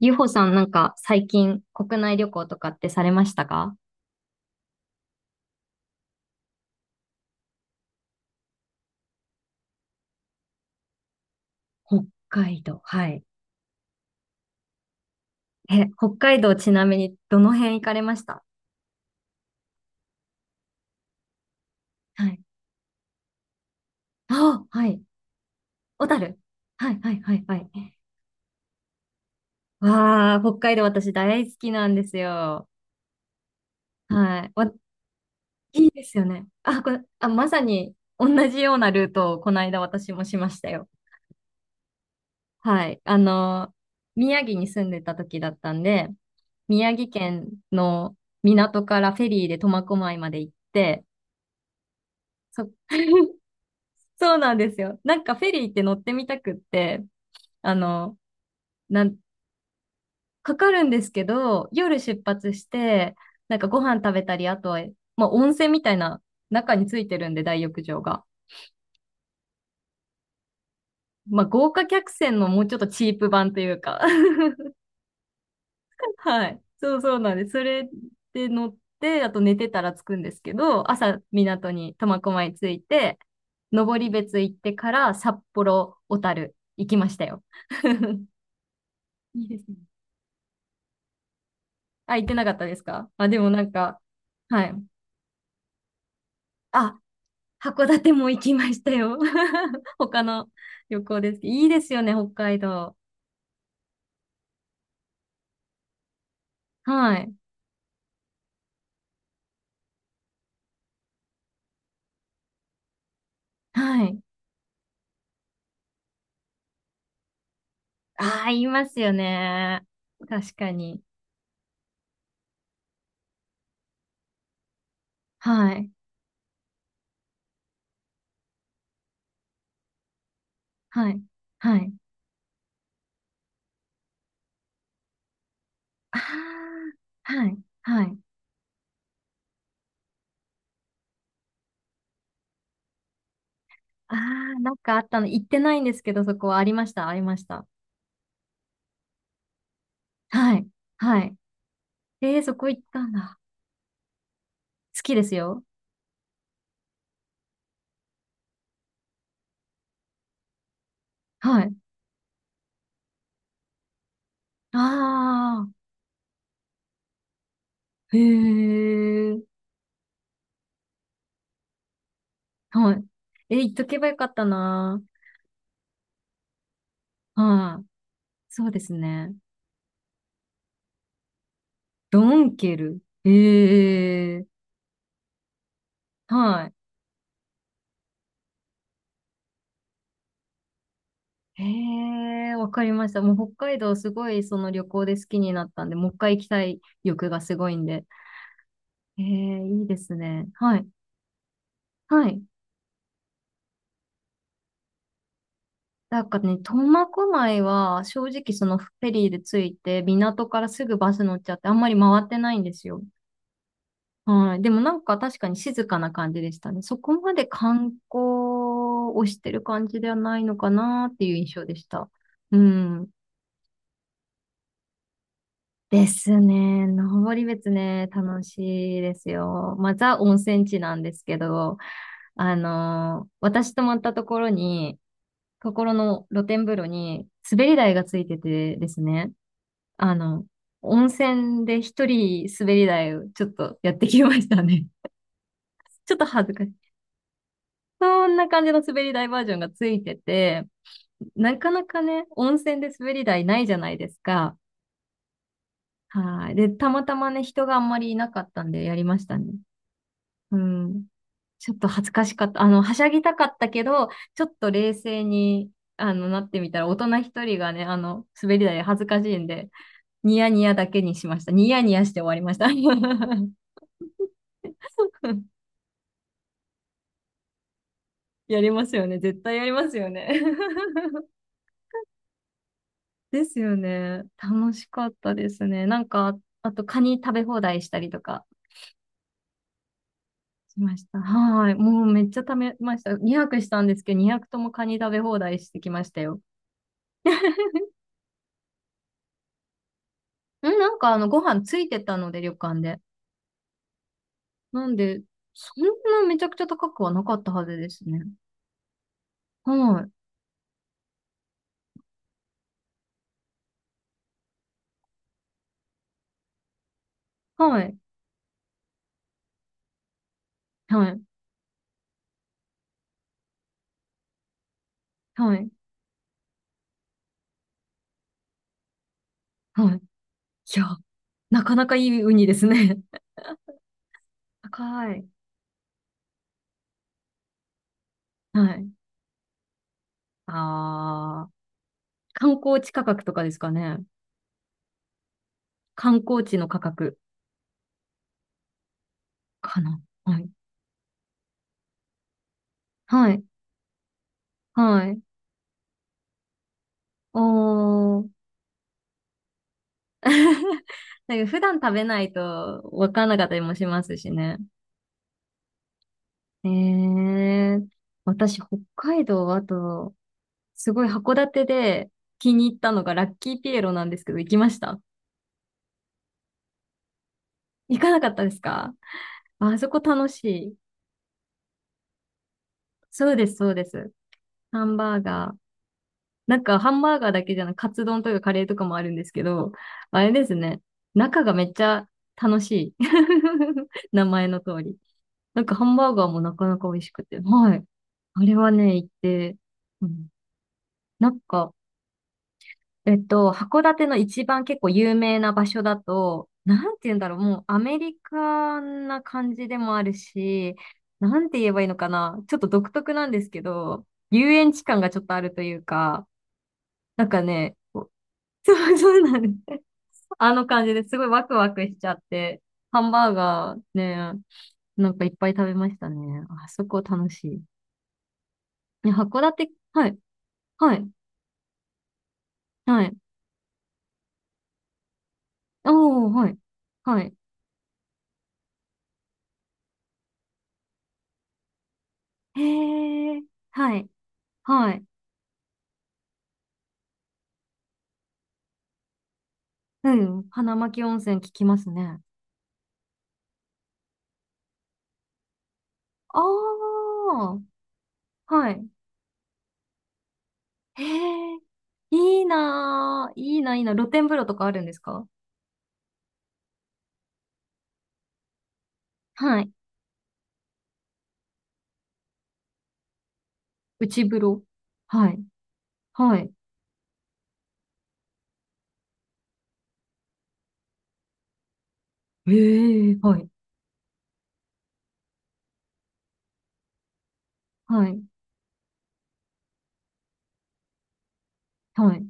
ゆうほさんなんか最近国内旅行とかってされましたか？北海道。はい。え、北海道ちなみにどの辺行かれました？はい。ああ、はい。小樽。はい、はい、はい、はい。わあ、北海道私大好きなんですよ。はい。わ、いいですよね。あ、これ、あ、まさに同じようなルートをこの間私もしましたよ。はい。あの、宮城に住んでた時だったんで、宮城県の港からフェリーで苫小牧まで行って、そ、そうなんですよ。なんかフェリーって乗ってみたくって、あの、なん、かかるんですけど、夜出発して、なんかご飯食べたり、あとは、まあ温泉みたいな中についてるんで、大浴場が。まあ豪華客船のもうちょっとチープ版というか。 はい。そうそうなんです。それで乗って、あと寝てたら着くんですけど、朝港に苫小牧着いて、登別行ってから札幌、小樽行きましたよ。いいですね。あ、行ってなかったですかあ、でもなんか、はい。あ、函館も行きましたよ。他の旅行ですけど。いいですよね、北海道。はい。はい。ああ、言いますよね。確かに。はい。はい。はい。ああ、はい、はい。ああ、なんかあったの、行ってないんですけど、そこはありました、ありました。はい、はい。えー、そこ行ったんだ。好きですよ。はい。ああ、へえ、はい。えー、行っとけばよかったな。はい。そうですね。ドンケル。ええ、はい。へえ、わかりました。もう北海道すごいその旅行で好きになったんで、もう一回行きたい欲がすごいんで。ええ、いいですね。はい。はい。なんかね、苫小牧は正直そのフェリーで着いて港からすぐバス乗っちゃってあんまり回ってないんですよ。はい。でもなんか確かに静かな感じでしたね。そこまで観光をしてる感じではないのかなっていう印象でした。うん。ですね。登別ね、楽しいですよ。まあ、ザ温泉地なんですけど、あの私泊まったところに、ところの露天風呂に滑り台がついててですね、あの、温泉で一人滑り台をちょっとやってきましたね。ちょっと恥ずかしい。そんな感じの滑り台バージョンがついてて、なかなかね、温泉で滑り台ないじゃないですか。はい。で、たまたまね、人があんまりいなかったんでやりましたね。うん。ちょっと恥ずかしかった。あの、はしゃぎたかったけど、ちょっと冷静に、あの、なってみたら、大人一人がね、あの、滑り台恥ずかしいんで、ニヤニヤだけにしました。ニヤニヤして終わりました。やりますよね。絶対やりますよね。ですよね。楽しかったですね。なんか、あとカニ食べ放題したりとかしました。はーい。もうめっちゃ食べました。2 0したんですけど、2 0ともカニ食べ放題してきましたよ。んなんかあの、ご飯ついてたので、旅館で。なんで、そんなめちゃくちゃ高くはなかったはずですね。はーい。はい。はい。はい。はい。いや、なかなかいいウニですね。高い。はい。ああ、観光地価格とかですかね。観光地の価格かな。はい。はい。はい。おー。なんか普段食べないとわかんなかったりもしますしね。えー、私、北海道、あと、すごい函館で気に入ったのがラッキーピエロなんですけど、行きました？行かなかったですか？あそこ楽しい。そうです、そうです。ハンバーガー。なんか、ハンバーガーだけじゃなく、カツ丼とかカレーとかもあるんですけど、あれですね。中がめっちゃ楽しい。名前の通り。なんか、ハンバーガーもなかなか美味しくて。はい。あれはね、行って、うん。なんか、えっと、函館の一番結構有名な場所だと、なんて言うんだろう、もうアメリカな感じでもあるし、なんて言えばいいのかな。ちょっと独特なんですけど、遊園地感がちょっとあるというか、なんかね、こう。 そうそうなんです。あの感じですごいワクワクしちゃって、ハンバーガーね、なんかいっぱい食べましたね。あそこ楽しい。ね函館、はい、はい、はい。おー、はい、はい。へー、はい、はい。うん、花巻温泉聞きますね。あー、はい。へー、いいなー、いいな、いいな。露天風呂とかあるんですか？はい。内風呂。はい、はい。えーはい。はい、はい、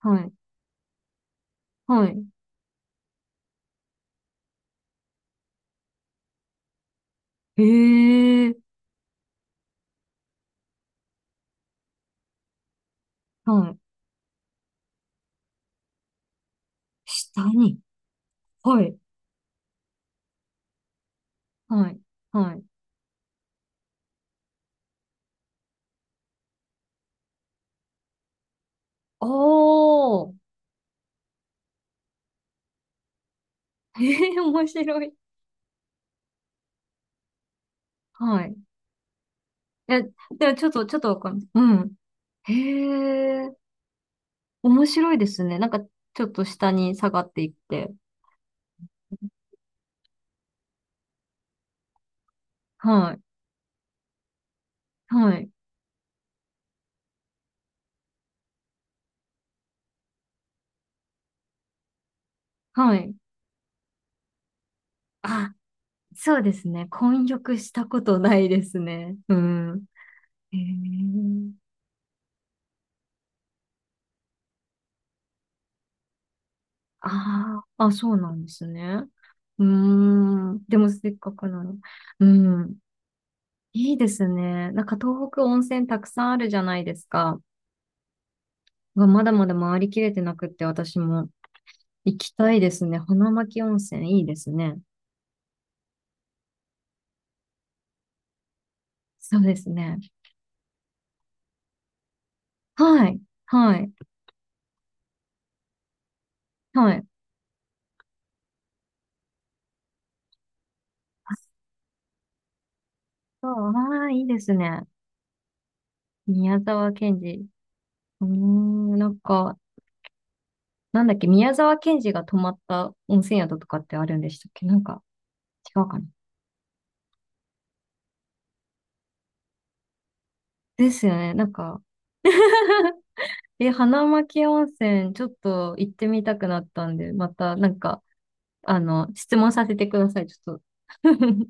はい、はい。へえ、はい。下に。はい、はい、はい。おー。へえ、面白い。はい。え、でもちょっと、ちょっとわかんない。うん。へえ、面白いですね。なんか、ちょっと下に下がっていって。はい、はい、はい。あ、そうですね。混浴したことないですね。うん。へえ。ああ、あ、そうなんですね。うーん。でもせっかくなの。うん。いいですね。なんか東北温泉たくさんあるじゃないですか。がまだまだ回りきれてなくって私も行きたいですね。花巻温泉いいですね。そうですね。はい。はい。はい。あ、そう。ああ、いいですね。宮沢賢治。うーん。なんか、なんだっけ、宮沢賢治が泊まった温泉宿とかってあるんでしたっけ？なんか、違うかな。ですよね。なんか。 え、花巻温泉、ちょっと行ってみたくなったんで、またなんか、あの、質問させてください、ちょっと。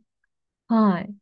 はい。